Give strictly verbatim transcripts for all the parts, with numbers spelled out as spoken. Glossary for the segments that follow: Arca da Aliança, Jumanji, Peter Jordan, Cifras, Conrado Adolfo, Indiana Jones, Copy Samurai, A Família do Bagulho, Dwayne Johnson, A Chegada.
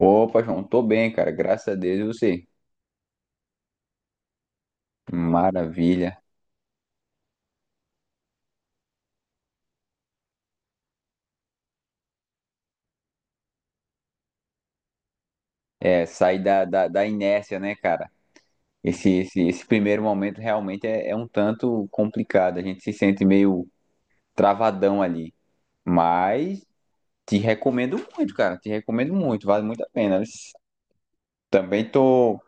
Opa, João, tô bem, cara. Graças a Deus, e você? Maravilha. É, sair da, da, da inércia, né, cara? Esse, esse, esse primeiro momento realmente é, é um tanto complicado. A gente se sente meio travadão ali. Mas te recomendo muito, cara. Te recomendo muito. Vale muito a pena. Também tô.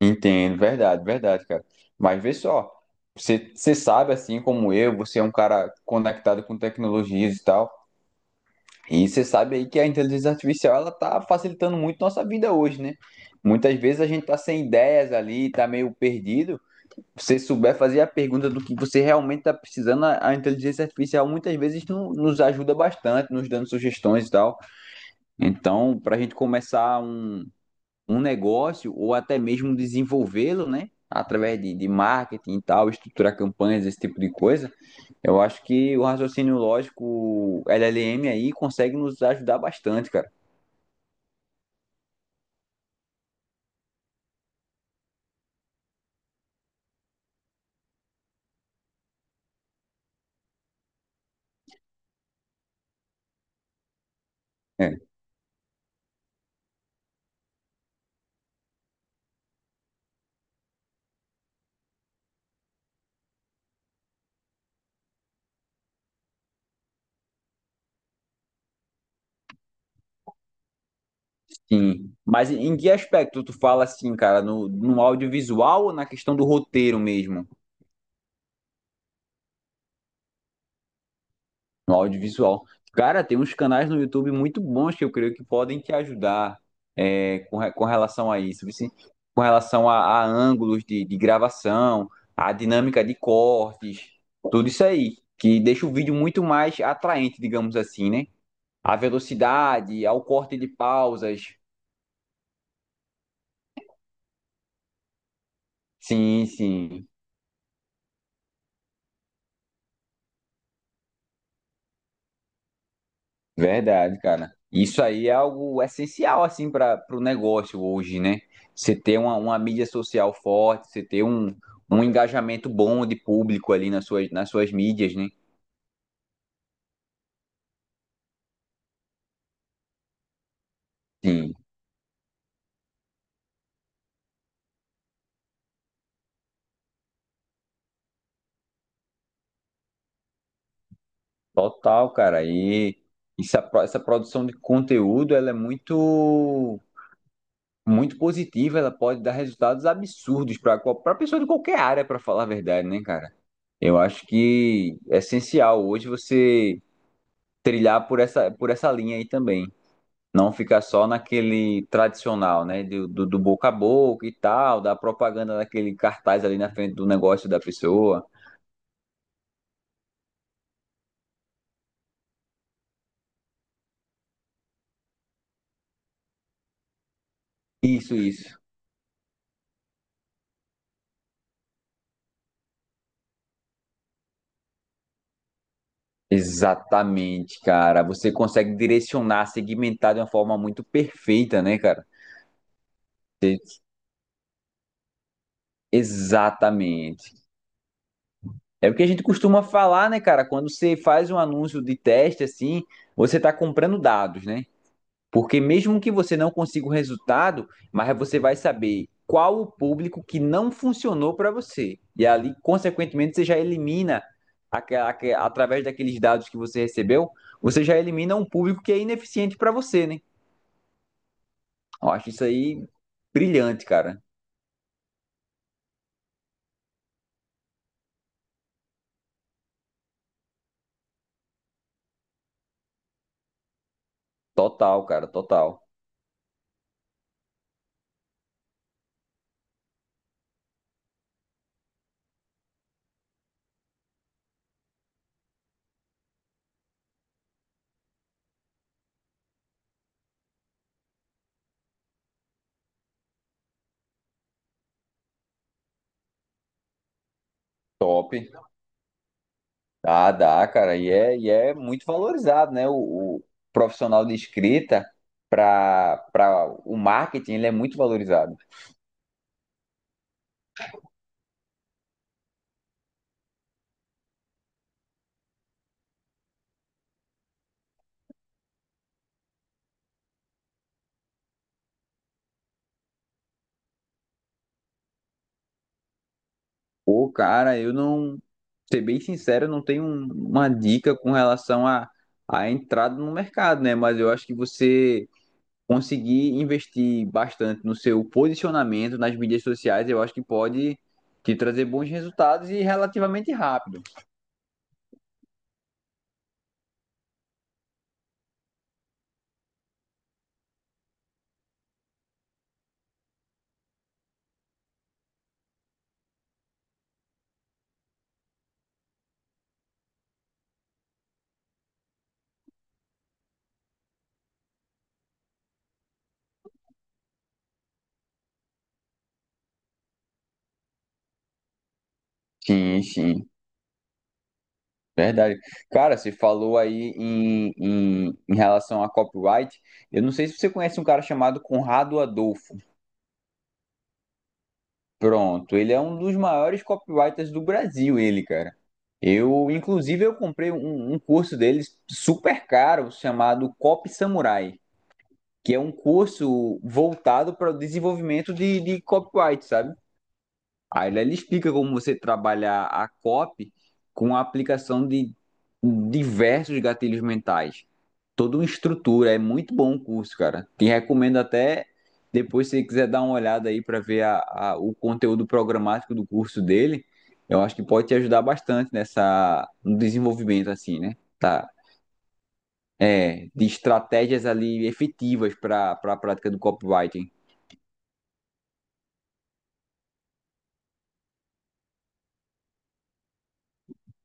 Entendo, verdade, verdade, cara. Mas vê só. Você, você sabe, assim como eu, você é um cara conectado com tecnologias e tal. E você sabe aí que a inteligência artificial ela tá facilitando muito nossa vida hoje, né? Muitas vezes a gente tá sem ideias ali, tá meio perdido. Se você souber fazer a pergunta do que você realmente tá precisando, a a inteligência artificial muitas vezes no- nos ajuda bastante, nos dando sugestões e tal. Então, para a gente começar um, um negócio ou até mesmo desenvolvê-lo, né? Através de, de marketing e tal, estruturar campanhas, esse tipo de coisa, eu acho que o raciocínio lógico, L L M aí, consegue nos ajudar bastante, cara. É, sim. Mas em em que aspecto tu fala assim, cara? No, no audiovisual ou na questão do roteiro mesmo? No audiovisual. Cara, tem uns canais no YouTube muito bons que eu creio que podem te ajudar é, com, re- com relação a isso. vice- Com relação a, a ângulos de, de gravação, a dinâmica de cortes, tudo isso aí. Que deixa o vídeo muito mais atraente, digamos assim, né? A velocidade, ao corte de pausas. Sim, sim. Verdade, cara. Isso aí é algo essencial, assim, para o negócio hoje, né? Você ter uma, uma mídia social forte, você ter um, um engajamento bom de público ali nas suas, nas suas mídias, né? Sim, total, cara. E essa, pro- essa produção de conteúdo, ela é muito, muito positiva, ela pode dar resultados absurdos para para pessoa de qualquer área, para falar a verdade, né, cara? Eu acho que é essencial hoje você trilhar por essa, por essa linha aí também. Não ficar só naquele tradicional, né? Do, do, do boca a boca e tal, da propaganda daquele cartaz ali na frente do negócio da pessoa. Isso, isso. Exatamente, cara. Você consegue direcionar, segmentar de uma forma muito perfeita, né, cara? Você- Exatamente. É o que a gente costuma falar, né, cara? Quando você faz um anúncio de teste assim, você tá comprando dados, né? Porque mesmo que você não consiga o resultado, mas você vai saber qual o público que não funcionou para você. E ali, consequentemente, você já elimina, aquela- aque- através daqueles dados que você recebeu, você já elimina um público que é ineficiente para você, né? Eu acho isso aí brilhante, cara. Total, cara, total. Top. Dá, dá, cara. E é, e é muito valorizado, né? O, o profissional de escrita para para o marketing, ele é muito valorizado. Pô, cara, eu não, ser bem sincero, eu não tenho um- uma dica com relação à à entrada no mercado, né? Mas eu acho que você conseguir investir bastante no seu posicionamento nas mídias sociais, eu acho que pode te trazer bons resultados e relativamente rápido. Sim, sim, verdade. Cara, você falou aí em, em, em relação a copyright. Eu não sei se você conhece um cara chamado Conrado Adolfo. Pronto, ele é um dos maiores copywriters do Brasil, ele, cara. Eu, inclusive, eu comprei um, um curso dele super caro chamado Copy Samurai, que é um curso voltado para o desenvolvimento de, de copyright, sabe? Aí ele explica como você trabalhar a C O P com a aplicação de diversos gatilhos mentais. Toda uma estrutura, é muito bom o curso, cara. Te recomendo até depois, se você quiser dar uma olhada aí para ver a- a- o conteúdo programático do curso dele, eu acho que pode te ajudar bastante nessa, no desenvolvimento, assim, né? Tá. É, de estratégias ali efetivas para a prática do copywriting.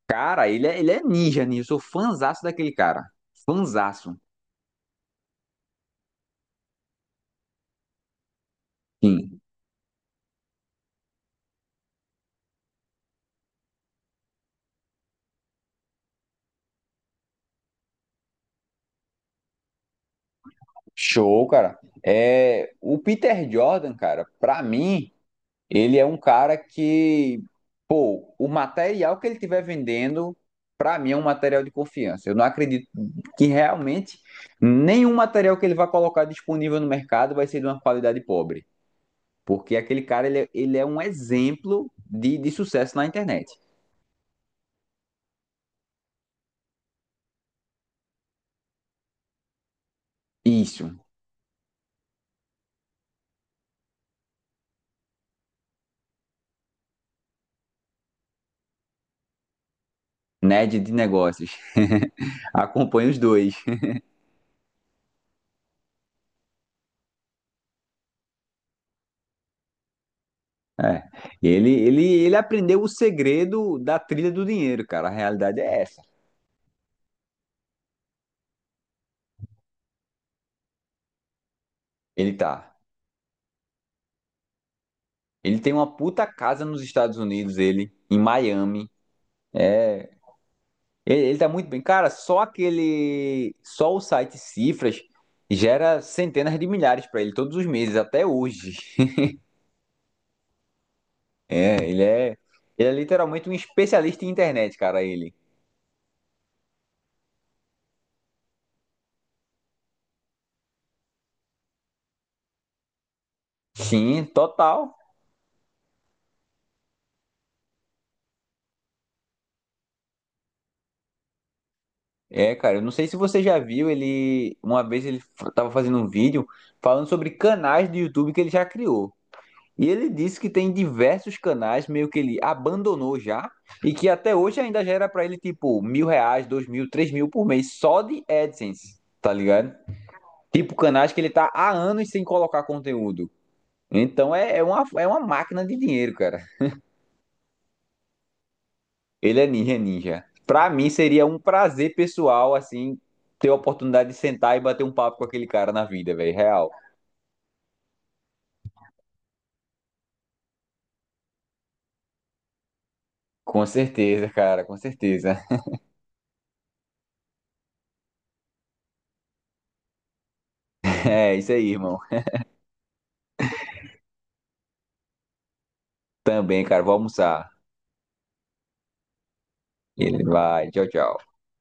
Cara, ele é, ele é ninja nisso. Eu sou fãzaço daquele cara. Fanzaço. Sim, show, cara. É, o Peter Jordan, cara, pra mim, ele é um cara que, pô, o material que ele estiver vendendo, pra mim é um material de confiança. Eu não acredito que realmente nenhum material que ele vai colocar disponível no mercado vai ser de uma qualidade pobre. Porque aquele cara, ele é, ele é um exemplo de, de sucesso na internet. Isso, nerd de negócios. Acompanhe os dois. É. Ele, ele, ele aprendeu o segredo da trilha do dinheiro, cara. A realidade é essa. Ele tá. Ele tem uma puta casa nos Estados Unidos, ele, em Miami. É. Ele, ele tá muito bem. Cara, só aquele. Só o site Cifras gera centenas de milhares pra ele todos os meses, até hoje. É, ele é. Ele é literalmente um especialista em internet, cara, ele. Sim, total. É, cara, eu não sei se você já viu, ele uma vez ele f- tava fazendo um vídeo falando sobre canais do YouTube que ele já criou. E ele disse que tem diversos canais meio que ele abandonou já e que até hoje ainda gera pra ele tipo mil reais, dois mil, três mil por mês só de AdSense, tá ligado? Tipo canais que ele tá há anos sem colocar conteúdo. Então é, é uma, é uma máquina de dinheiro, cara. Ele é ninja, é ninja. Pra mim seria um prazer pessoal, assim, ter a oportunidade de sentar e bater um papo com aquele cara na vida, velho. Real. Com certeza, cara, com certeza. É isso aí, irmão. Também, cara, vou almoçar. Ele vai. Tchau, tchau.